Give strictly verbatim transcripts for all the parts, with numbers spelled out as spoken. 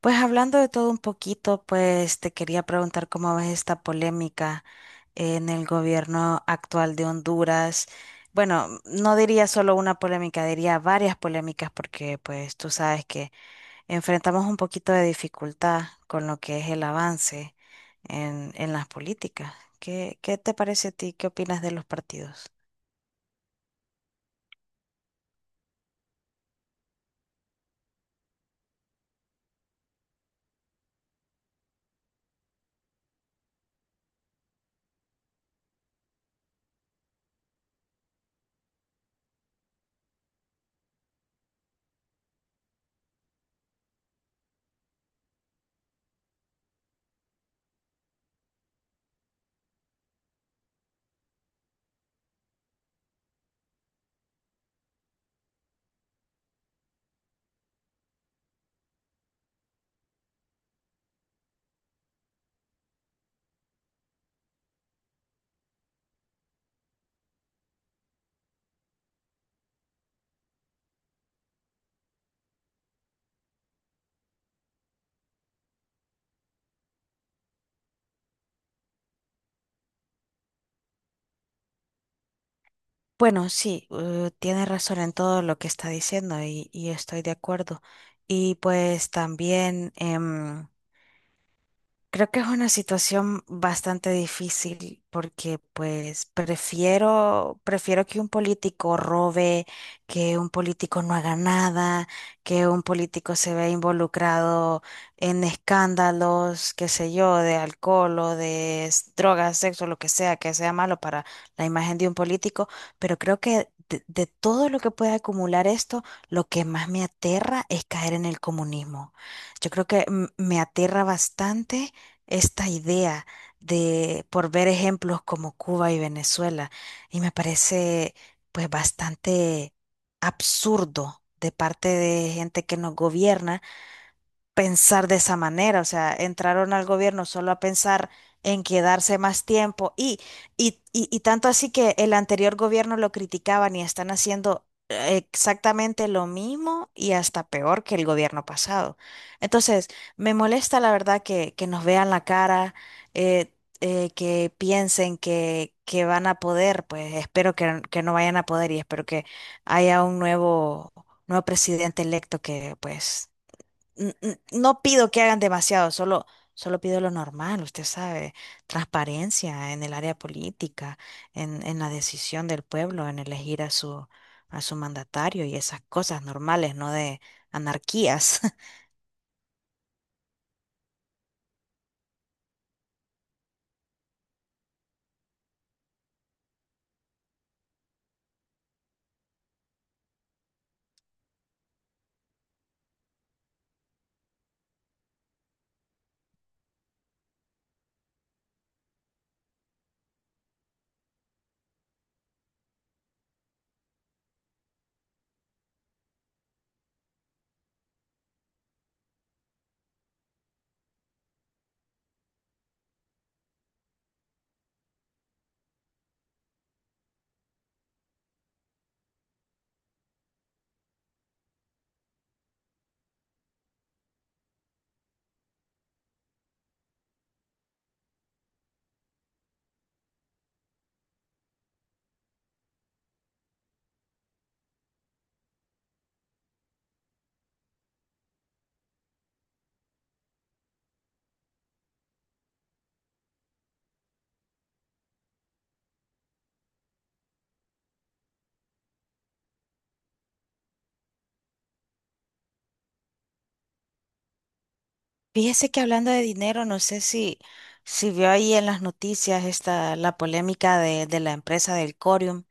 Pues hablando de todo un poquito, pues te quería preguntar cómo ves esta polémica en el gobierno actual de Honduras. Bueno, no diría solo una polémica, diría varias polémicas porque pues tú sabes que enfrentamos un poquito de dificultad con lo que es el avance en, en las políticas. ¿Qué, qué te parece a ti? ¿Qué opinas de los partidos? Bueno, sí, uh, tiene razón en todo lo que está diciendo y, y estoy de acuerdo. Y pues también em, creo que es una situación bastante difícil porque pues prefiero, prefiero que un político robe, que un político no haga nada, que un político se vea involucrado en escándalos, qué sé yo, de alcohol o de s- drogas, sexo, lo que sea, que sea malo para la imagen de un político, pero creo que de, de todo lo que puede acumular esto, lo que más me aterra es caer en el comunismo. Yo creo que mm, me aterra bastante esta idea de, por ver ejemplos como Cuba y Venezuela, y me parece pues bastante absurdo de parte de gente que nos gobierna pensar de esa manera, o sea, entraron al gobierno solo a pensar en quedarse más tiempo y, y, y, y tanto así que el anterior gobierno lo criticaban y están haciendo eh, exactamente lo mismo y hasta peor que el gobierno pasado. Entonces, me molesta la verdad que, que nos vean la cara, eh, eh, que piensen que, que van a poder, pues espero que, que no vayan a poder y espero que haya un nuevo, nuevo presidente electo que pues n- n- no pido que hagan demasiado, solo, solo pido lo normal, usted sabe, transparencia en el área política, en, en la decisión del pueblo, en elegir a su, a su mandatario y esas cosas normales, no de anarquías. Fíjese que hablando de dinero, no sé si, si vio ahí en las noticias esta, la polémica de, de la empresa del Corium,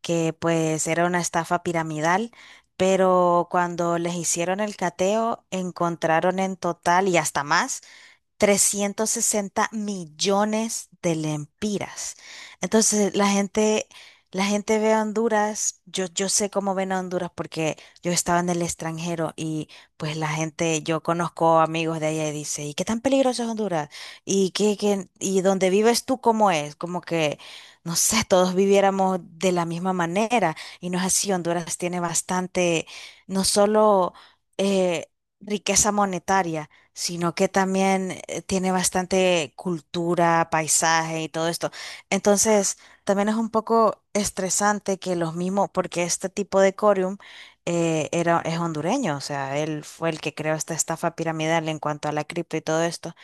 que pues era una estafa piramidal, pero cuando les hicieron el cateo encontraron en total y hasta más trescientos sesenta millones de lempiras. Entonces, la gente, la gente ve a Honduras, yo, yo sé cómo ven a Honduras porque yo estaba en el extranjero y pues la gente, yo conozco amigos de allá y dice, ¿y qué tan peligroso es Honduras? ¿Y qué, qué- y dónde vives tú cómo es? Como que, no sé, todos viviéramos de la misma manera y no es así. Honduras tiene bastante, no solo eh, riqueza monetaria, sino que también eh, tiene bastante cultura, paisaje y todo esto. Entonces, también es un poco estresante que los mismos, porque este tipo de corium eh, era, es hondureño, o sea, él fue el que creó esta estafa piramidal en cuanto a la cripto y todo esto.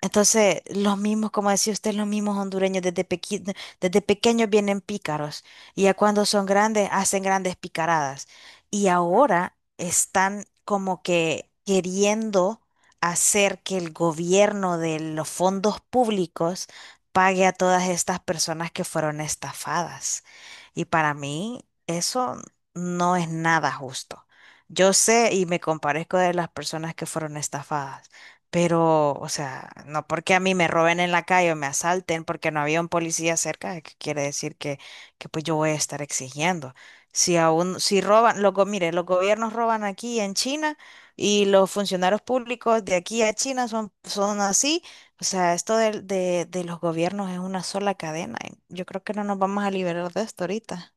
Entonces, los mismos, como decía usted, los mismos hondureños desde, pequi- desde pequeños vienen pícaros y ya cuando son grandes hacen grandes picaradas. Y ahora están como que queriendo hacer que el gobierno de los fondos públicos pague a todas estas personas que fueron estafadas. Y para mí eso no es nada justo. Yo sé y me comparezco de las personas que fueron estafadas. Pero, o sea, no porque a mí me roben en la calle o me asalten porque no había un policía cerca, que quiere decir que, que pues yo voy a estar exigiendo. Si aún, si roban, los, go- mire, los gobiernos roban aquí en China y los funcionarios públicos de aquí a China son, son así. O sea, esto del- de, de los gobiernos es una sola cadena. Y yo creo que no nos vamos a liberar de esto ahorita.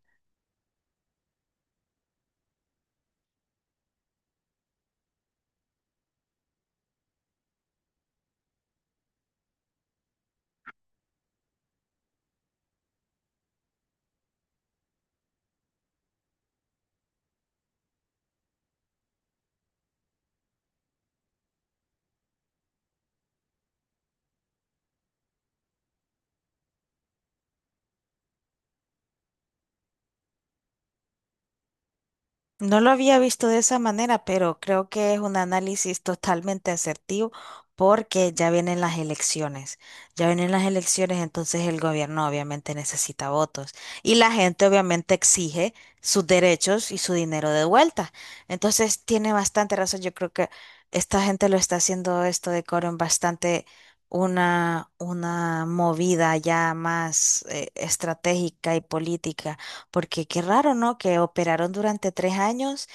No lo había visto de esa manera, pero creo que es un análisis totalmente asertivo porque ya vienen las elecciones. Ya vienen las elecciones, entonces el gobierno obviamente necesita votos y la gente obviamente exige sus derechos y su dinero de vuelta. Entonces tiene bastante razón. Yo creo que esta gente lo está haciendo esto de Coren bastante una, una movida ya más eh, estratégica y política porque qué raro, ¿no? Que operaron durante tres años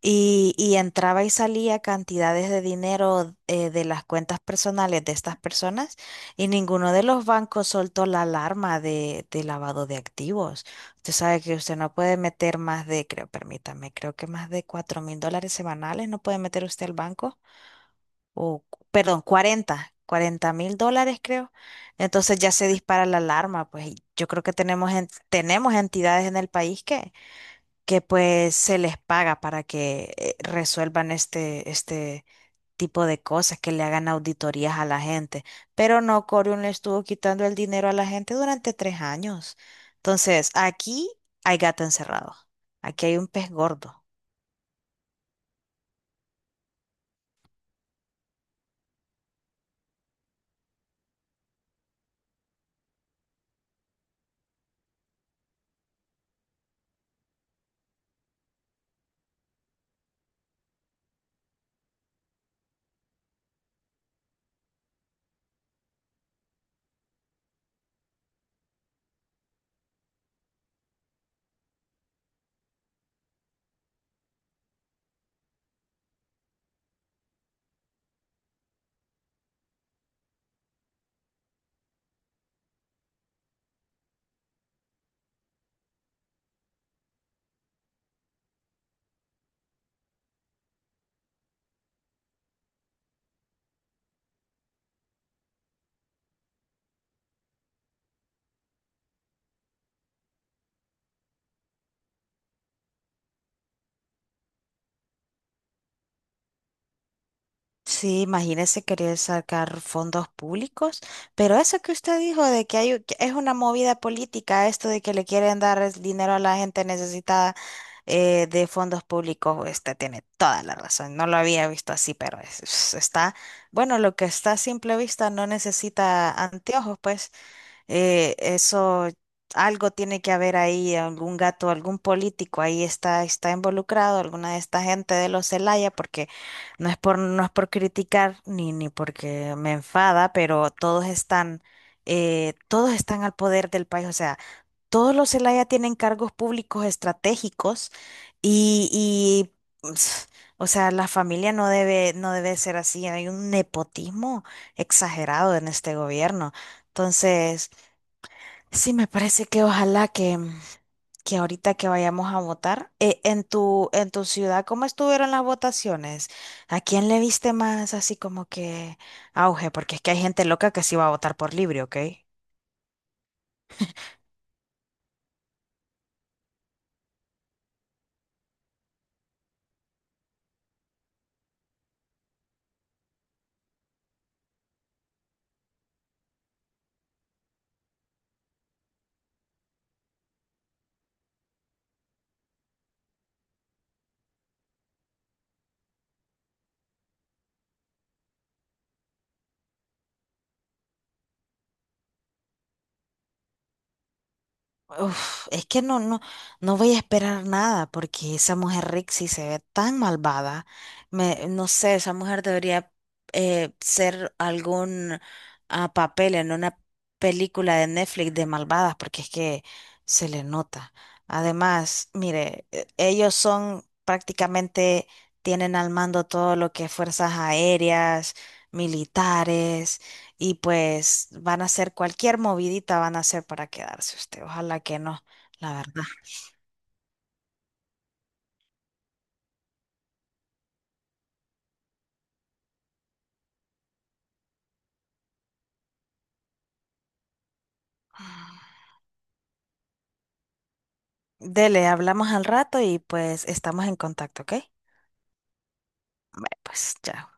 y, y entraba y salía cantidades de dinero eh, de las cuentas personales de estas personas y ninguno de los bancos soltó la alarma de, de lavado de activos. Usted sabe que usted no puede meter más de, creo, permítame, creo que más de cuatro mil dólares semanales no puede meter usted al banco. O, perdón, cuarenta, cuarenta mil dólares creo. Entonces ya se dispara la alarma, pues y yo creo que tenemos, en- tenemos entidades en el país que que pues se les paga para que eh, resuelvan este, este tipo de cosas, que le hagan auditorías a la gente. Pero no, Corium le estuvo quitando el dinero a la gente durante tres años. Entonces, aquí hay gato encerrado. Aquí hay un pez gordo. Sí, imagínese querer sacar fondos públicos, pero eso que usted dijo de que hay, u- que es una movida política, esto de que le quieren dar es dinero a la gente necesitada eh, de fondos públicos, usted tiene toda la razón. No lo había visto así, pero es- es- está, bueno, lo que está a simple vista no necesita anteojos, pues. Eh, eso, algo tiene que haber ahí, algún gato, algún político ahí está, está involucrado, alguna de esta gente de los Celaya, porque no es por, no es por criticar ni, ni porque me enfada, pero todos están, eh, todos están al poder del país. O sea, todos los Celaya tienen cargos públicos estratégicos y, y ps, o sea, la familia no debe, no debe ser así. Hay un nepotismo exagerado en este gobierno. Entonces, sí, me parece que ojalá que, que ahorita que vayamos a votar, eh, en tu, en tu ciudad, ¿cómo estuvieron las votaciones? ¿A quién le viste más así como que auge? Porque es que hay gente loca que sí va a votar por libre, ¿ok? Uf, es que no, no, no voy a esperar nada porque esa mujer Rixie se ve tan malvada. Me, no sé, esa mujer debería eh, ser algún ah, papel en una película de Netflix de malvadas porque es que se le nota. Además, mire, eh, ellos son prácticamente, tienen al mando todo lo que es fuerzas aéreas, militares y pues van a hacer cualquier movidita, van a hacer para quedarse usted. Ojalá que no, la verdad. Dele, hablamos al rato y pues estamos en contacto, ¿ok? Ay, pues chao.